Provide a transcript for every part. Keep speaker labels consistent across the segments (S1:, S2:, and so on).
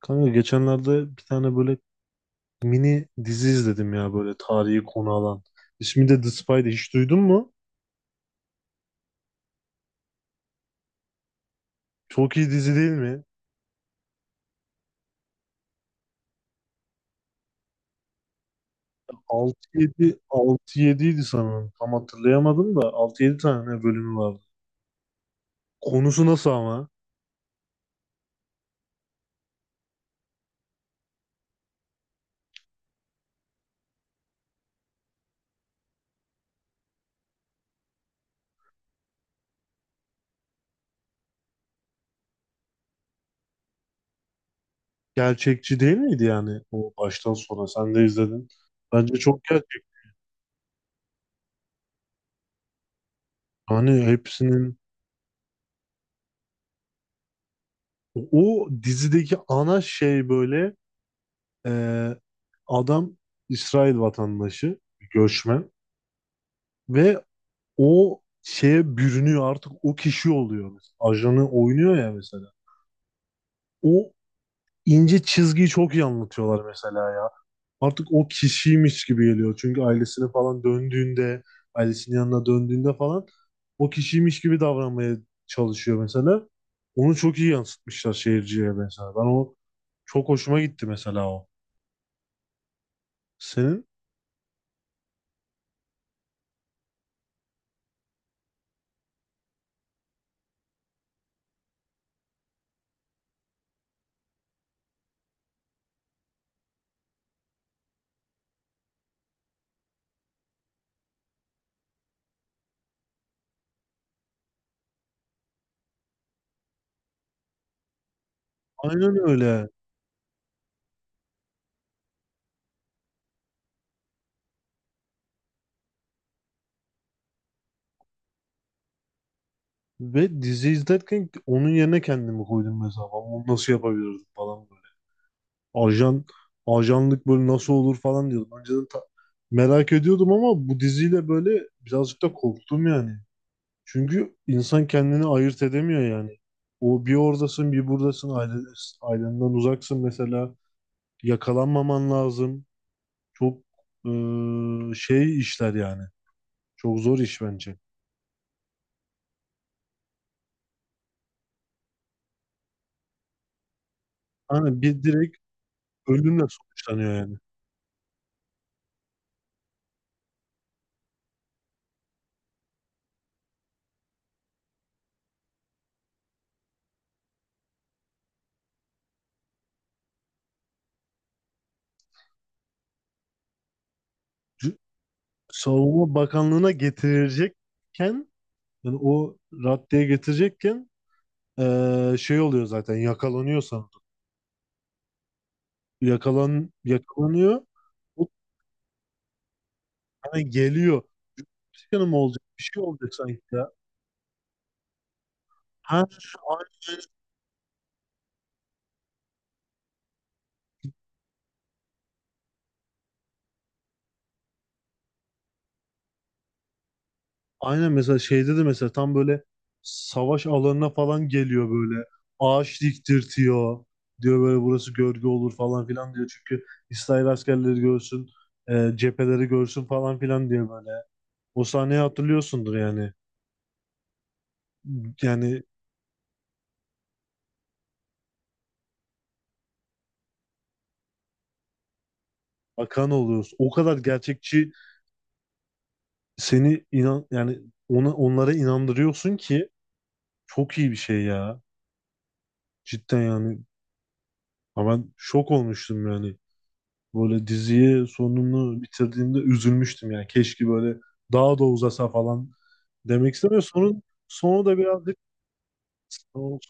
S1: Kanka geçenlerde bir tane böyle mini dizi izledim ya böyle tarihi konu alan. İsmi de The Spy'di. Hiç duydun mu? Çok iyi dizi değil mi? Altı yediydi sanırım. Tam hatırlayamadım da altı yedi tane bölümü vardı. Konusu nasıl ama? Gerçekçi değil miydi yani o baştan sona? Sen de izledin. Bence çok gerçek. Hani hepsinin o dizideki ana şey böyle e, adam İsrail vatandaşı, göçmen ve o şeye bürünüyor artık o kişi oluyor mesela. Ajanı oynuyor ya mesela. O ince çizgiyi çok iyi anlatıyorlar mesela ya. Artık o kişiymiş gibi geliyor. Çünkü ailesine falan döndüğünde, ailesinin yanına döndüğünde falan o kişiymiş gibi davranmaya çalışıyor mesela. Onu çok iyi yansıtmışlar seyirciye mesela. Ben o çok hoşuma gitti mesela o. Senin aynen öyle. Ve dizi izlerken onun yerine kendimi koydum mesela. Ben bunu nasıl yapabilirdim falan ajan ajanlık böyle nasıl olur falan diyordum. Merak ediyordum ama bu diziyle böyle birazcık da korktum yani. Çünkü insan kendini ayırt edemiyor yani. O bir oradasın bir buradasın ailenden uzaksın mesela yakalanmaman lazım. Çok şey işler yani. Çok zor iş bence. Hani bir direkt ölümle sonuçlanıyor yani. C- Savunma Bakanlığı'na getirecekken yani o raddeye getirecekken şey oluyor zaten yakalanıyor sanırım. Yakalanıyor. Bu hani geliyor. Bir şey mi olacak? Bir şey olacak sanki ya. Ha, aynen, aynen mesela şeyde de mesela tam böyle savaş alanına falan geliyor böyle. Ağaç diktirtiyor. Diyor böyle burası gölge olur falan filan diyor. Çünkü İsrail askerleri görsün, cepheleri görsün falan filan diye böyle. O sahneyi hatırlıyorsundur yani. Yani bakan oluyoruz. O kadar gerçekçi seni inan yani ona onlara inandırıyorsun ki çok iyi bir şey ya. Cidden yani. Ha ben şok olmuştum yani. Böyle diziyi sonunu bitirdiğimde üzülmüştüm yani. Keşke böyle daha da uzasa falan demek istemiyorum. Sonu da birazcık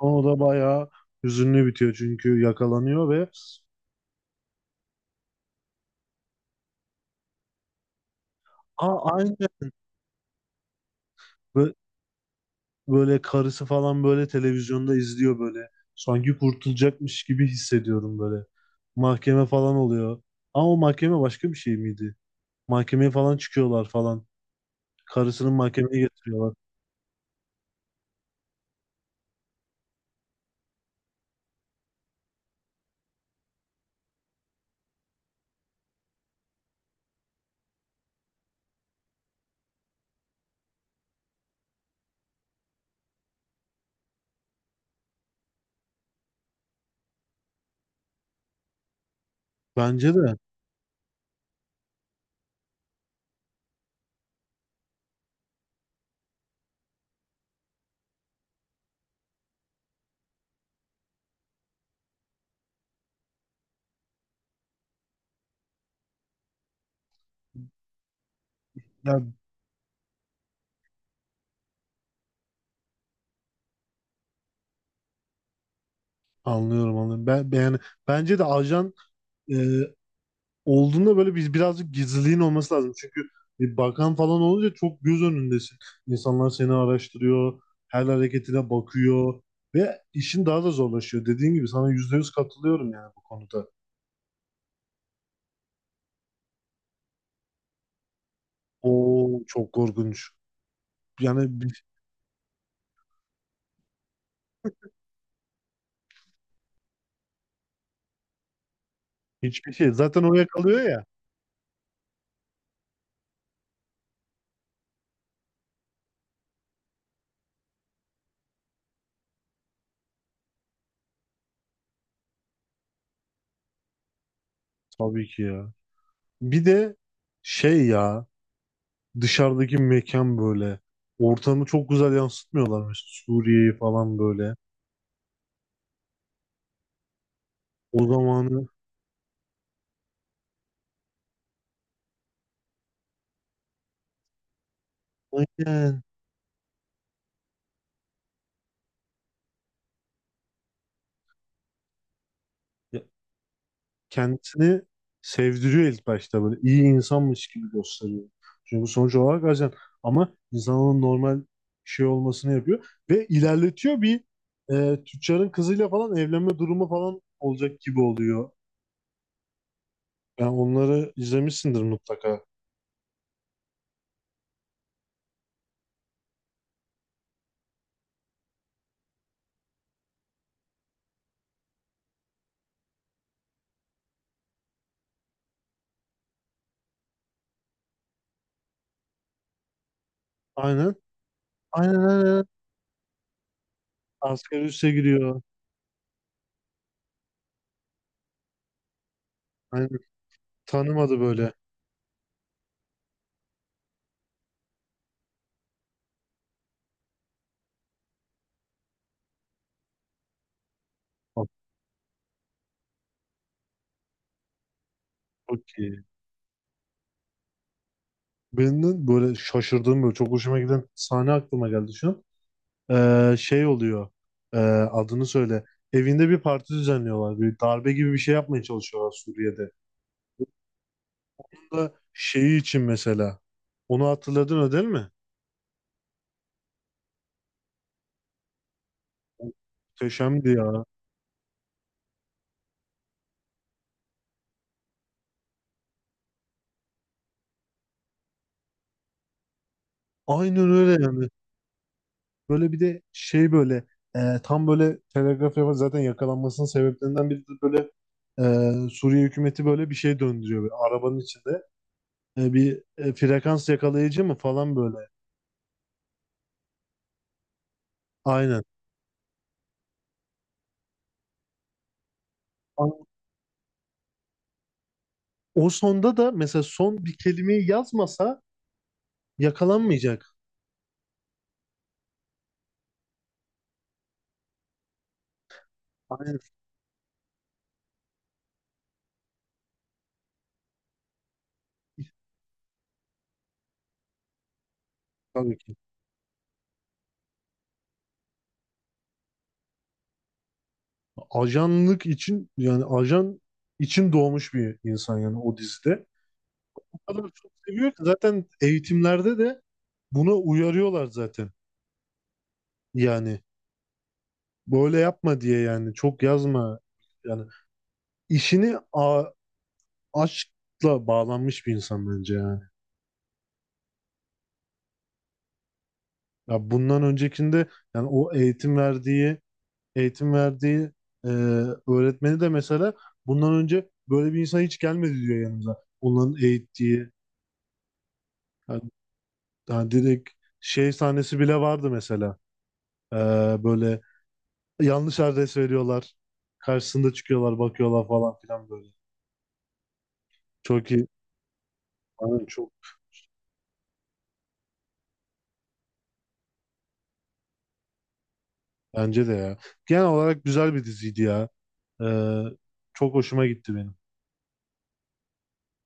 S1: sonu da bayağı hüzünlü bitiyor çünkü yakalanıyor ve Aa, aynı böyle karısı falan böyle televizyonda izliyor böyle. Sanki kurtulacakmış gibi hissediyorum böyle. Mahkeme falan oluyor. Ama o mahkeme başka bir şey miydi? Mahkemeye falan çıkıyorlar falan. Karısının mahkemeye getiriyorlar. Bence de. Ya, anlıyorum. Yani bence de ajan e, olduğunda böyle biz birazcık gizliliğin olması lazım. Çünkü bir bakan falan olunca çok göz önündesin. İnsanlar seni araştırıyor, her hareketine bakıyor ve işin daha da zorlaşıyor. Dediğim gibi sana yüzde yüz katılıyorum yani bu konuda. O çok korkunç. Yani hiçbir şey. Zaten o yakalıyor ya. Tabii ki ya. Bir de şey ya dışarıdaki mekan böyle. Ortamı çok güzel yansıtmıyorlar mesela Suriye'yi falan böyle. O zamanı aynen. Kendisini sevdiriyor ilk başta böyle iyi insanmış gibi gösteriyor. Çünkü sonuç olarak ajan ama insanın normal şey olmasını yapıyor ve ilerletiyor bir tüccarın kızıyla falan evlenme durumu falan olacak gibi oluyor. Yani onları izlemişsindir mutlaka. Aynen. Aynen. Asgari üste giriyor. Aynen. Tanımadı böyle. Bak, çok iyi. Benim böyle şaşırdığım böyle çok hoşuma giden sahne aklıma geldi şu an. Şey oluyor. Ee, Adını söyle. Evinde bir parti düzenliyorlar. Bir darbe gibi bir şey yapmaya çalışıyorlar Suriye'de. Bu da şeyi için mesela. Onu hatırladın o değil mi? Muhteşemdi ya. Aynen öyle yani. Böyle bir de şey böyle tam böyle telgraf yapar zaten yakalanmasının sebeplerinden biri de böyle Suriye hükümeti böyle bir şey döndürüyor. Böyle arabanın içinde bir frekans yakalayıcı mı falan böyle. Aynen. A- O sonda da mesela son bir kelimeyi yazmasa yakalanmayacak. Aynen. Tabii ki. Ajanlık için yani ajan için doğmuş bir insan yani o dizide. O kadar çok seviyor ki zaten eğitimlerde de buna uyarıyorlar zaten. Yani böyle yapma diye yani çok yazma. Yani işini a aşkla bağlanmış bir insan bence yani. Ya bundan öncekinde yani o eğitim verdiği eğitim verdiği e, öğretmeni de mesela bundan önce böyle bir insan hiç gelmedi diyor yanımıza. Onların eğittiği yani, yani direkt şey sahnesi bile vardı mesela. E, Böyle yanlış adres veriyorlar. Karşısında çıkıyorlar, bakıyorlar falan filan böyle. Çok iyi. Aynen çok bence de ya. Genel olarak güzel bir diziydi ya. E, Çok hoşuma gitti benim.